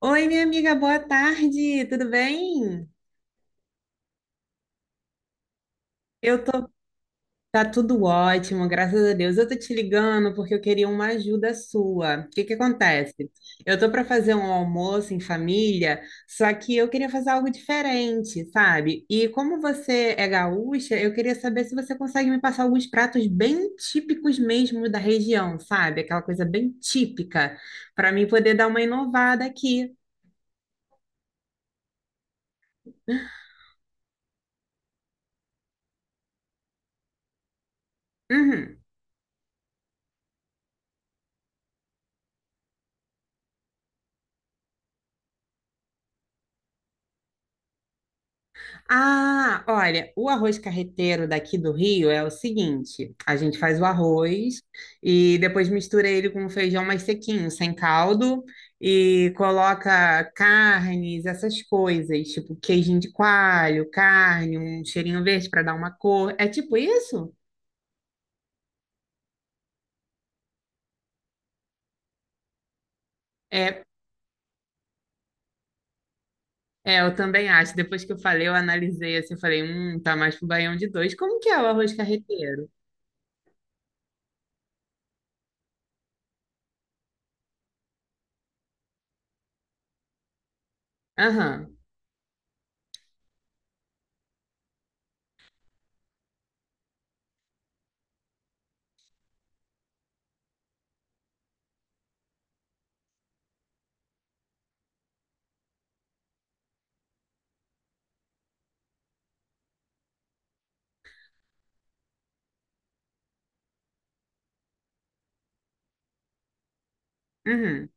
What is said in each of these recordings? Oi, minha amiga, boa tarde, tudo bem? Eu tô, tá tudo ótimo, graças a Deus. Eu tô te ligando porque eu queria uma ajuda sua. O que que acontece? Eu tô para fazer um almoço em família, só que eu queria fazer algo diferente, sabe? E como você é gaúcha, eu queria saber se você consegue me passar alguns pratos bem típicos mesmo da região, sabe? Aquela coisa bem típica, para mim poder dar uma inovada aqui. Uhum. Ah, olha, o arroz carreteiro daqui do Rio é o seguinte: a gente faz o arroz e depois mistura ele com um feijão mais sequinho, sem caldo, e coloca carnes, essas coisas, tipo queijinho de coalho, carne, um cheirinho verde para dar uma cor. É tipo isso? É, é, eu também acho. Depois que eu falei, eu analisei assim, eu falei, tá mais pro baião de dois. Como que é o arroz carreteiro? Aham, uhum,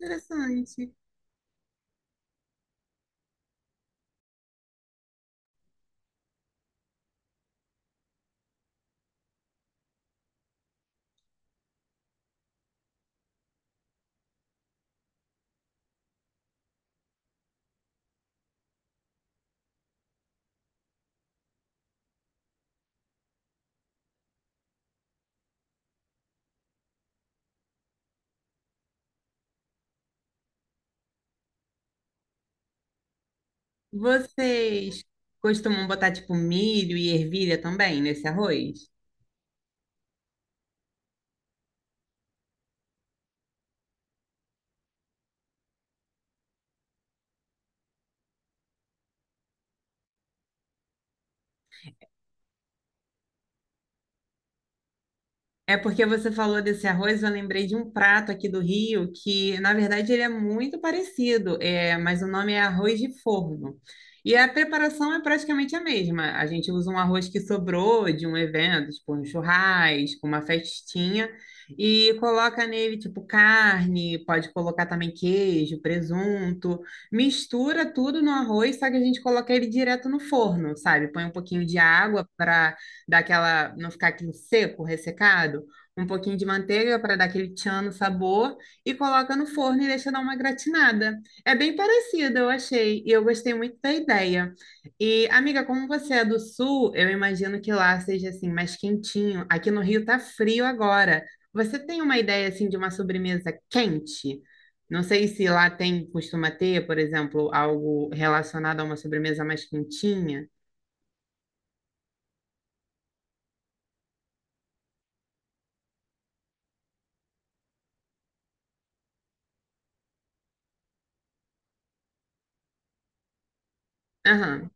interessante. Vocês costumam botar tipo milho e ervilha também nesse arroz? É porque você falou desse arroz, eu lembrei de um prato aqui do Rio que, na verdade, ele é muito parecido, é, mas o nome é arroz de forno. E a preparação é praticamente a mesma. A gente usa um arroz que sobrou de um evento, tipo um churrasco, uma festinha, e coloca nele, tipo, carne, pode colocar também queijo, presunto, mistura tudo no arroz, só que a gente coloca ele direto no forno, sabe? Põe um pouquinho de água para dar aquela, não ficar aquele seco, ressecado, um pouquinho de manteiga para dar aquele tchan no sabor e coloca no forno e deixa dar uma gratinada. É bem parecida, eu achei, e eu gostei muito da ideia. E, amiga, como você é do sul, eu imagino que lá seja assim mais quentinho. Aqui no Rio tá frio agora. Você tem uma ideia assim de uma sobremesa quente? Não sei se lá tem, costuma ter, por exemplo, algo relacionado a uma sobremesa mais quentinha. Aham.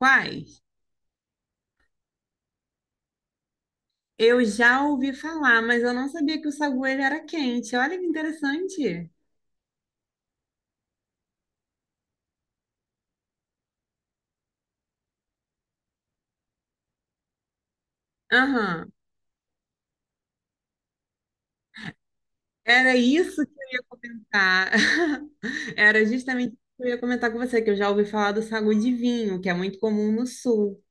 Quais? Eu já ouvi falar, mas eu não sabia que o sagu ele era quente. Olha que interessante. Aham. Era isso que eu ia comentar. Era justamente isso que eu ia comentar com você, que eu já ouvi falar do sagu de vinho, que é muito comum no sul.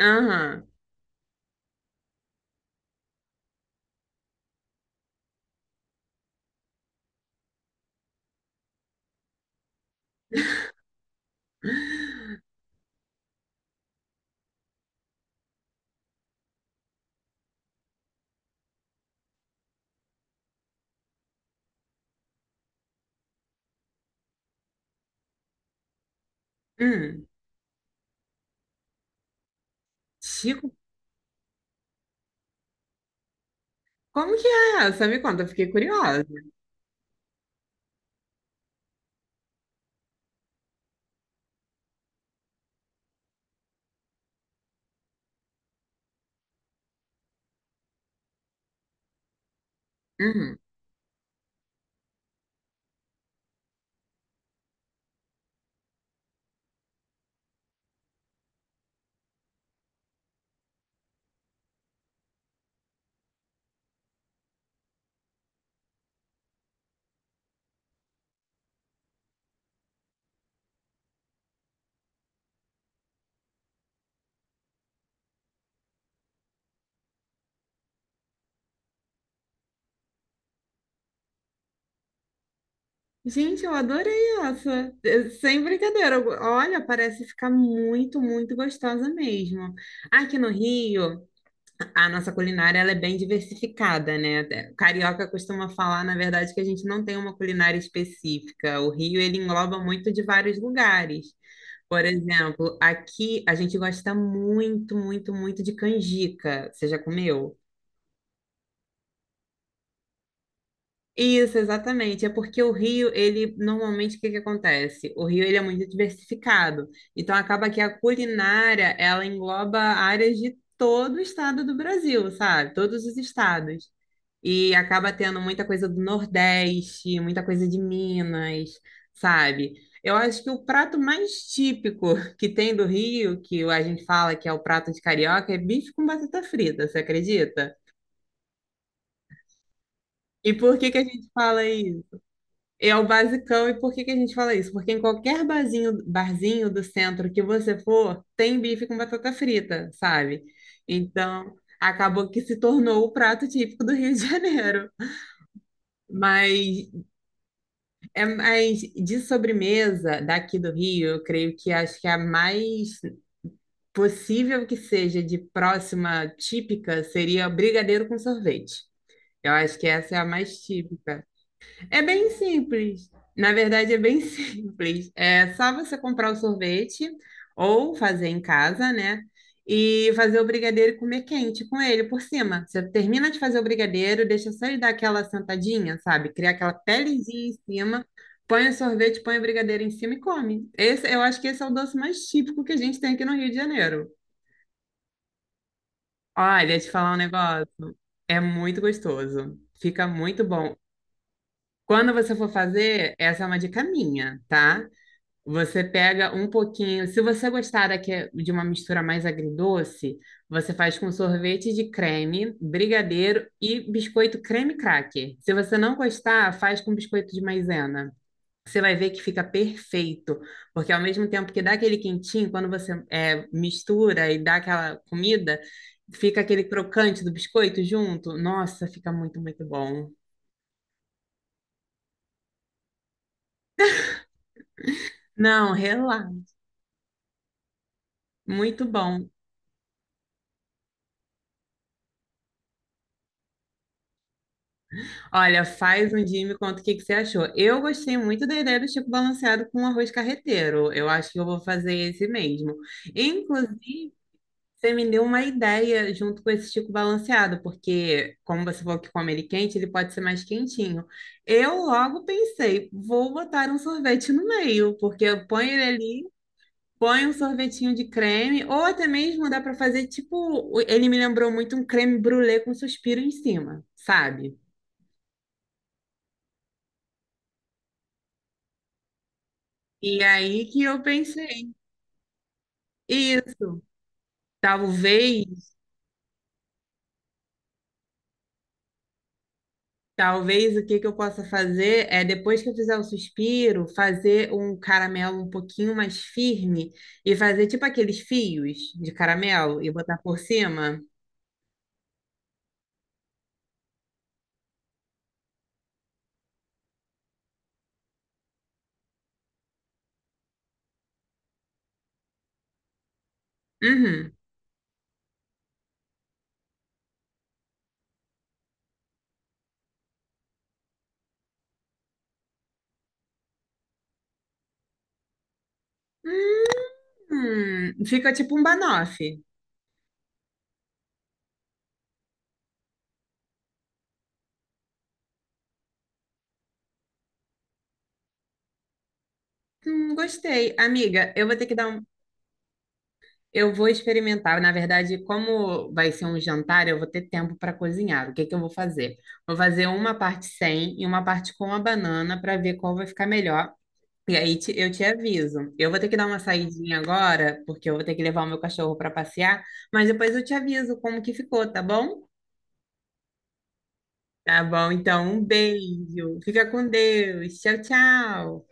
Aham. Hum. Chico, como que é essa? Me conta, eu fiquei curiosa. Uhum. Gente, eu adorei essa. Eh, sem brincadeira. Olha, parece ficar muito, muito gostosa mesmo. Aqui no Rio, a nossa culinária ela é bem diversificada, né? O carioca costuma falar, na verdade, que a gente não tem uma culinária específica. O Rio, ele engloba muito de vários lugares. Por exemplo, aqui a gente gosta muito, muito, muito de canjica. Você já comeu? Isso, exatamente. É porque o Rio, ele normalmente o que que acontece? O Rio ele é muito diversificado. Então acaba que a culinária, ela engloba áreas de todo o estado do Brasil, sabe? Todos os estados. E acaba tendo muita coisa do Nordeste, muita coisa de Minas, sabe? Eu acho que o prato mais típico que tem do Rio, que a gente fala que é o prato de carioca, é bife com batata frita, você acredita? E por que que a gente fala isso? É o basicão, e por que que a gente fala isso? Porque em qualquer barzinho, barzinho do centro que você for, tem bife com batata frita, sabe? Então, acabou que se tornou o prato típico do Rio de Janeiro. Mas é mais de sobremesa daqui do Rio, eu creio que acho que a mais possível que seja de próxima típica seria o brigadeiro com sorvete. Eu acho que essa é a mais típica. É bem simples. Na verdade, é bem simples. É só você comprar o sorvete ou fazer em casa, né? E fazer o brigadeiro e comer quente com ele por cima. Você termina de fazer o brigadeiro, deixa só ele dar aquela sentadinha, sabe? Criar aquela pelezinha em cima, põe o sorvete, põe o brigadeiro em cima e come. Esse, eu acho que esse é o doce mais típico que a gente tem aqui no Rio de Janeiro. Olha, te falar um negócio. É muito gostoso. Fica muito bom. Quando você for fazer, essa é uma dica minha, tá? Você pega um pouquinho. Se você gostar de uma mistura mais agridoce, você faz com sorvete de creme, brigadeiro e biscoito creme cracker. Se você não gostar, faz com biscoito de maisena. Você vai ver que fica perfeito, porque ao mesmo tempo que dá aquele quentinho, quando você mistura e dá aquela comida, fica aquele crocante do biscoito junto. Nossa, fica muito, muito bom. Não, relaxa. Muito bom. Olha, faz um dia e me conta o que que você achou. Eu gostei muito da ideia do Chico Balanceado com arroz carreteiro. Eu acho que eu vou fazer esse mesmo. Inclusive, você me deu uma ideia junto com esse Chico Balanceado, porque, como você falou que come ele quente, ele pode ser mais quentinho. Eu logo pensei, vou botar um sorvete no meio, porque eu ponho ele ali. Põe um sorvetinho de creme, ou até mesmo dá para fazer tipo. Ele me lembrou muito um creme brulee com suspiro em cima, sabe? E aí que eu pensei, isso, talvez, talvez o que que eu possa fazer é, depois que eu fizer o suspiro, fazer um caramelo um pouquinho mais firme e fazer tipo aqueles fios de caramelo e botar por cima. Uhum. Fica tipo um banoffee. Gostei. Amiga, eu vou ter que dar um, eu vou experimentar. Na verdade, como vai ser um jantar, eu vou ter tempo para cozinhar. O que que eu vou fazer? Vou fazer uma parte sem e uma parte com a banana para ver qual vai ficar melhor. E aí eu te aviso. Eu vou ter que dar uma saidinha agora, porque eu vou ter que levar o meu cachorro para passear, mas depois eu te aviso como que ficou, tá bom? Tá bom, então um beijo. Fica com Deus. Tchau, tchau.